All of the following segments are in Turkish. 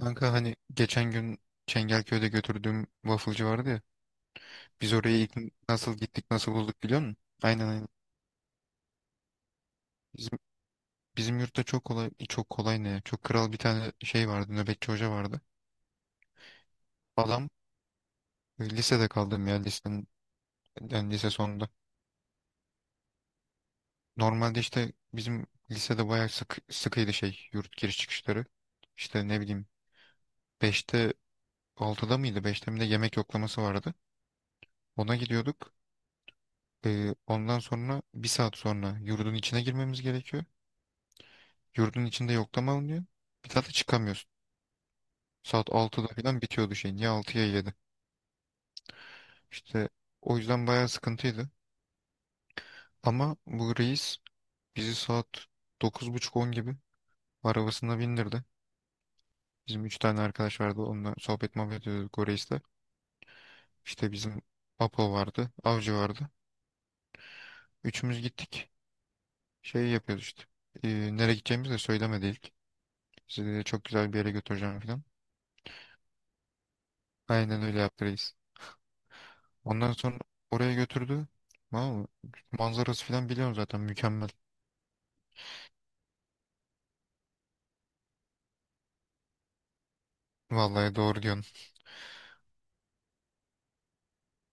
Kanka hani geçen gün Çengelköy'de götürdüğüm wafflecı vardı ya. Biz oraya ilk nasıl gittik nasıl bulduk biliyor musun? Aynen aynen. Bizim, bizim yurtta çok kolay çok kolay ne ya? Çok kral bir tane şey vardı nöbetçi hoca vardı. Adam lisede kaldım ya lisenin yani lise sonunda. Normalde işte bizim lisede bayağı sıkıydı şey yurt giriş çıkışları. İşte ne bileyim 5'te 6'da mıydı, 5'te mi ne yemek yoklaması vardı. Ona gidiyorduk. Ondan sonra bir saat sonra yurdun içine girmemiz gerekiyor. Yurdun içinde yoklama alınıyor. Bir daha da çıkamıyorsun. Saat 6'da falan bitiyordu şeyin. Ya 6 ya 7? İşte o yüzden bayağı sıkıntıydı. Ama bu reis bizi saat 9.30 on gibi arabasına bindirdi. Bizim 3 tane arkadaş vardı. Onunla sohbet muhabbet ediyorduk o reisle. İşte bizim Apo vardı. Avcı vardı. Üçümüz gittik. Şey yapıyoruz işte. Nereye gideceğimizi de söylemedi ilk. Sizi de çok güzel bir yere götüreceğim falan. Aynen öyle yaptı reis. Ondan sonra oraya götürdü. Tamam mı? Manzarası falan biliyorum zaten mükemmel. Vallahi doğru diyorsun.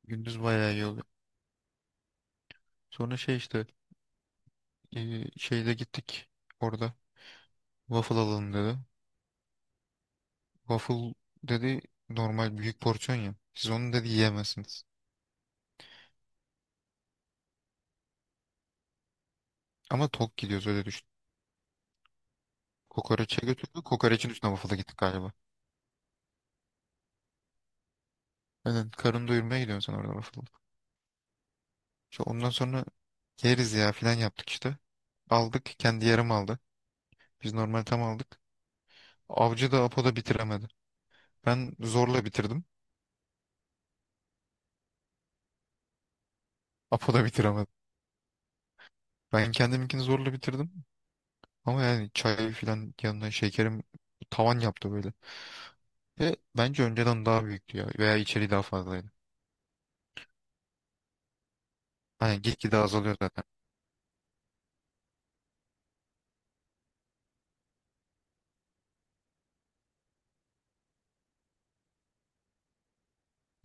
Gündüz bayağı iyi oluyor. Sonra şey işte şeyde gittik orada. Waffle alalım dedi. Waffle dedi normal büyük porsiyon ya. Siz onu dedi yiyemezsiniz. Ama tok gidiyoruz öyle düşün. Kokoreçe götürdü. Kokoreçin üstüne waffle'a gittik galiba. Aynen karın doyurmaya gidiyorsun sen orada waffle'a. İşte ondan sonra yeriz ya falan yaptık işte. Aldık kendi yarım aldı. Biz normal tam aldık. Avcı da Apo da bitiremedi. Ben zorla bitirdim. Apo da bitiremedi. Ben kendiminkini zorla bitirdim. Ama yani çay falan yanına şekerim tavan yaptı böyle. Ve bence önceden daha büyüktü ya. Veya içeriği daha fazlaydı. Hani gitgide azalıyor zaten.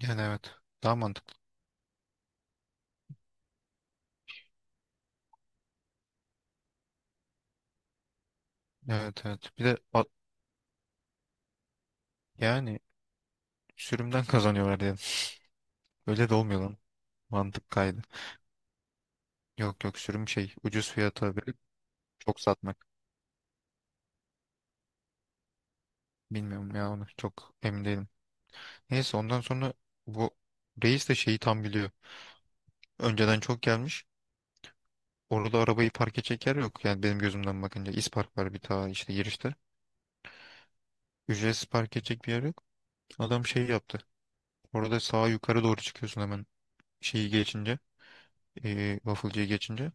Yani evet. Daha mantıklı. Evet evet. Bir de yani sürümden kazanıyorlar diye. Öyle de olmuyor lan. Mantık kaydı. Yok yok, sürüm şey ucuz fiyata verip çok satmak. Bilmiyorum ya, onu çok emin değilim. Neyse ondan sonra bu reis de şeyi tam biliyor. Önceden çok gelmiş. Orada arabayı park edecek yer yok. Yani benim gözümden bakınca İspark var bir işte girişte. Ücretsiz park edecek bir yer yok. Adam şey yaptı. Orada sağa yukarı doğru çıkıyorsun hemen şeyi geçince. Waffle'cıyı geçince.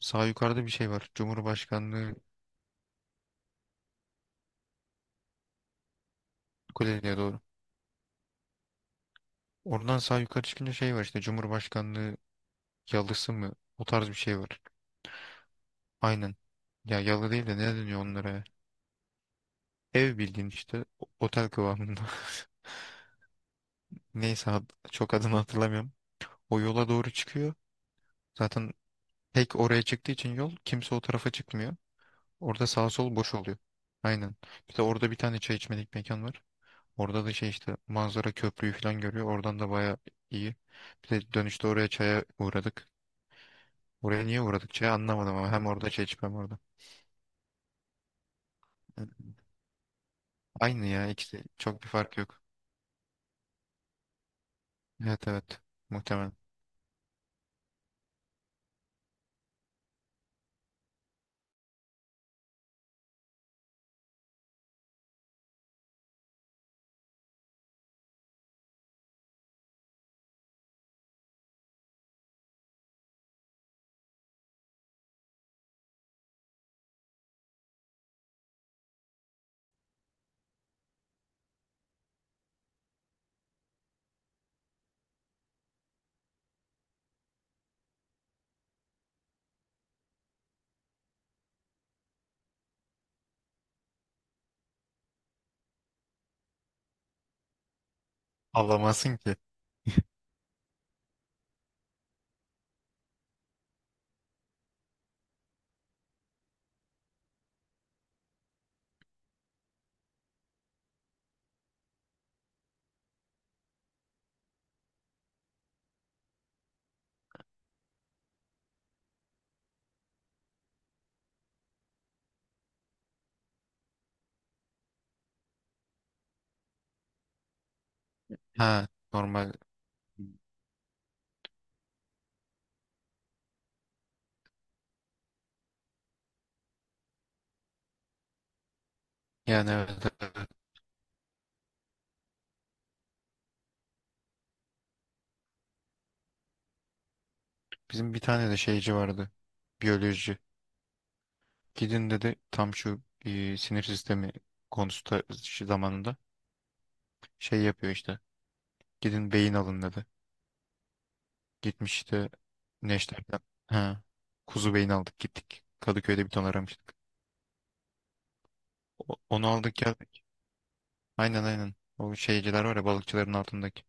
Sağ yukarıda bir şey var. Cumhurbaşkanlığı. Kuleli'ye doğru. Oradan sağ yukarı çıkınca şey var işte, Cumhurbaşkanlığı yalısı mı? O tarz bir şey var. Aynen. Ya, yalı değil de ne deniyor onlara, ya? Ev bildiğin işte, otel kıvamında. Neyse çok adını hatırlamıyorum. O yola doğru çıkıyor. Zaten tek oraya çıktığı için yol, kimse o tarafa çıkmıyor. Orada sağ sol boş oluyor. Aynen. Bir de orada bir tane çay içmelik mekan var. Orada da şey işte, manzara köprüyü falan görüyor. Oradan da baya iyi. Bir de dönüşte oraya çaya uğradık. Oraya niye uğradık çaya anlamadım ama hem orada çay içmem orada. Evet. Aynı ya, ikisi çok bir fark yok. Evet evet, muhtemelen. Avlamasın ki. Ha, normal. Yani evet, evet. Evet. Bizim bir tane de şeyci vardı. Biyoloji. Gidin dedi tam şu sinir sistemi konusunda şu zamanında şey yapıyor işte. Gidin beyin alın dedi. Gitmiş işte Neşter'den. Ha, kuzu beyin aldık gittik. Kadıköy'de bir ton aramıştık. Onu aldık geldik. Aynen aynen. O şeyciler var ya, balıkçıların altındaki.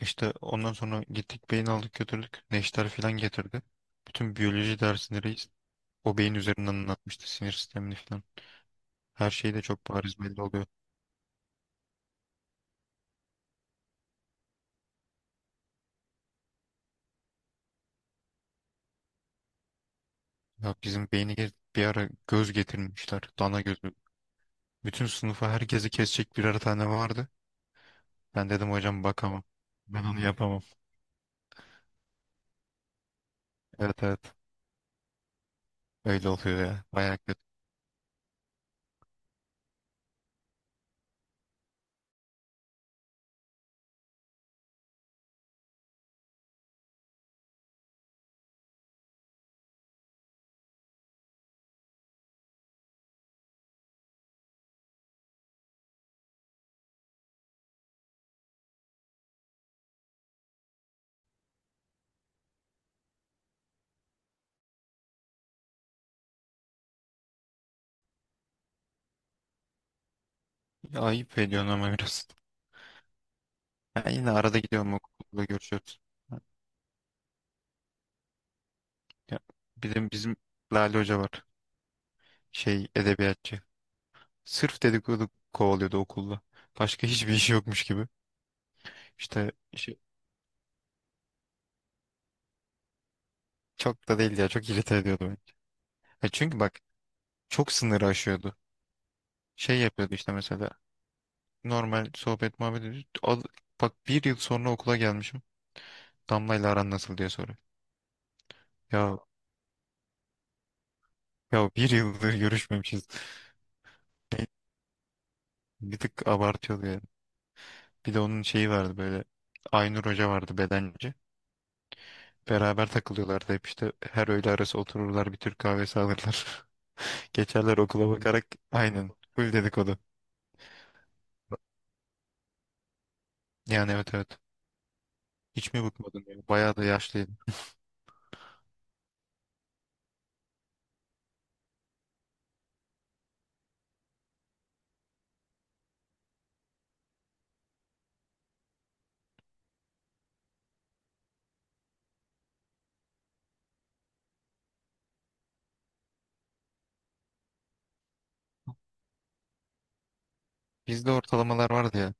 İşte ondan sonra gittik beyin aldık götürdük. Neşter falan getirdi. Bütün biyoloji dersindeyiz. O beyin üzerinden anlatmıştı sinir sistemini falan. Her şey de çok bariz belli oluyordu. Ya bizim beyni bir ara göz getirmişler. Dana gözü. Bütün sınıfa herkesi kesecek birer tane vardı. Ben dedim hocam bakamam. Ben onu yapamam. Evet evet. Öyle oluyor ya. Bayağı kötü. Ya, ayıp ediyorsun ama biraz. Ya, yine arada gidiyorum okulda görüşüyoruz. Ha. Ya, bizim Lale Hoca var. Şey, edebiyatçı. Sırf dedikodu kovalıyordu okulda. Başka hiçbir işi yokmuş gibi. İşte şey, çok da değil ya. Çok irite ediyordu beni. Ya çünkü bak, çok sınırı aşıyordu, şey yapıyordu işte, mesela normal sohbet muhabbet ediyoruz. Bak bir yıl sonra okula gelmişim. Damla ile aran nasıl diye soruyor. Ya ya, bir yıldır görüşmemişiz. Be- Bir tık abartıyordu yani. Bir de onun şeyi vardı böyle. Aynur Hoca vardı, bedenci. Beraber takılıyorlardı hep işte, her öğle arası otururlar bir Türk kahvesi alırlar. Geçerler okula bakarak, aynen full dedikodu. Yani evet evet. Hiç mi bıkmadın ya? Bayağı da yaşlıydı. Bizde ortalamalar vardı ya.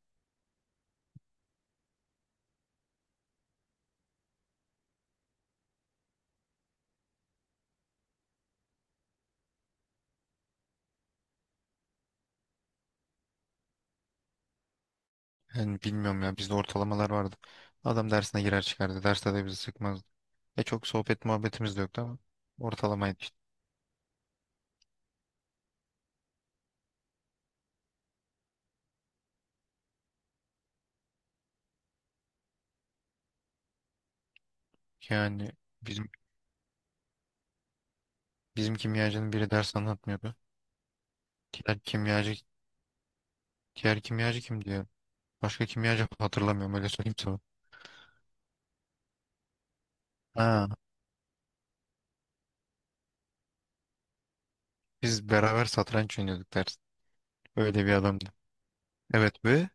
Yani bilmiyorum ya, bizde ortalamalar vardı. Adam dersine girer çıkardı. Derste de bizi sıkmazdı. E çok sohbet muhabbetimiz de yoktu ama ortalamaydı işte. Yani bizim bizim kimyacının biri ders anlatmıyordu. Diğer kimyacı diğer kimyacı kim diyor. Başka kimyacı hatırlamıyorum, öyle söyleyeyim sana. Ha, biz beraber satranç oynuyorduk ders. Öyle bir adamdı. Evet. Ve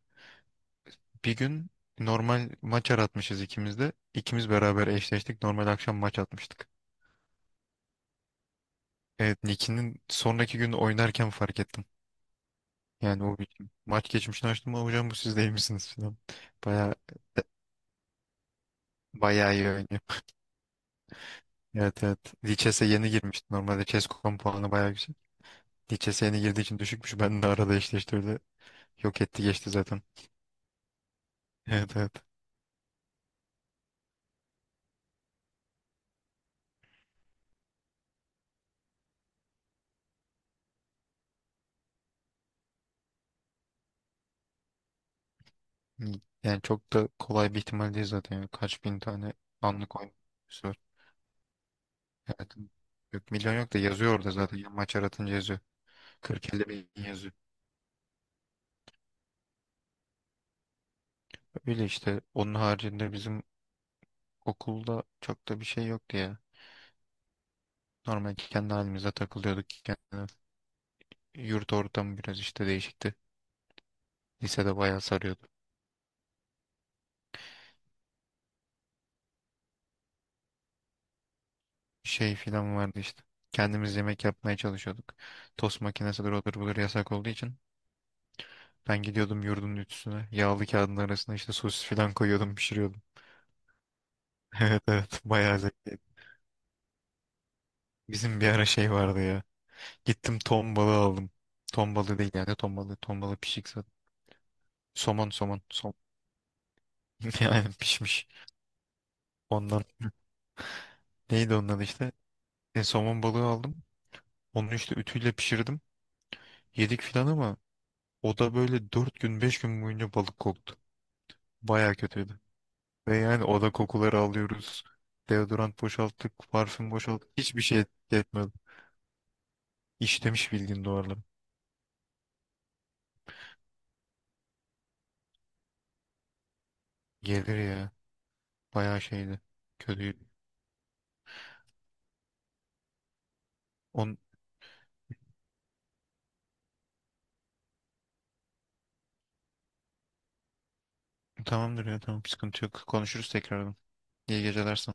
bir gün normal maç aratmışız ikimiz de. İkimiz beraber eşleştik. Normal akşam maç atmıştık. Evet, Niki'nin sonraki gün oynarken fark ettim. Yani o bir maç geçmişini açtım, ama hocam bu siz değil misiniz falan. Baya bayağı iyi oynuyor. Evet evet. Lichess'e yeni girmişti. Normalde Chess.com puanı bayağı yüksek. Lichess'e yeni girdiği için düşükmüş. Ben de arada eşleştirdi. Yok etti geçti zaten. Evet evet. Yani çok da kolay bir ihtimal değil zaten. Yani kaç bin tane anlık oyun var. Evet. Yok, milyon yok da yazıyor orada zaten. Yani maç aratınca yazıyor. 40-50 bin yazıyor. Öyle işte. Onun haricinde bizim okulda çok da bir şey yoktu ya. Normal kendi halimize takılıyorduk. Kendi yurt ortamı biraz işte değişikti. Lisede bayağı sarıyordu. Şey filan vardı işte. Kendimiz yemek yapmaya çalışıyorduk. Tost makinesidir odur budur yasak olduğu için. Ben gidiyordum yurdun ütüsüne. Yağlı kağıdın arasına işte sosis filan koyuyordum pişiriyordum. Evet evet, bayağı zevkli. Bizim bir ara şey vardı ya. Gittim ton balığı aldım. Ton balığı değil yani, ton balığı. Ton balığı pişik zaten. Somon somon. Yani pişmiş. Ondan. Neydi ondan işte. Somon balığı aldım. Onu işte ütüyle pişirdim. Yedik filan ama o da böyle 4 gün 5 gün boyunca balık koktu. Baya kötüydü. Ve yani oda kokuları alıyoruz. Deodorant boşalttık, parfüm boşalttık. Hiçbir şey etki etmedi. İşlemiş bildiğin duvarları. Gelir ya. Baya şeydi. Kötüydü. On... Tamamdır ya, tamam sıkıntı yok. Konuşuruz tekrardan. İyi geceler.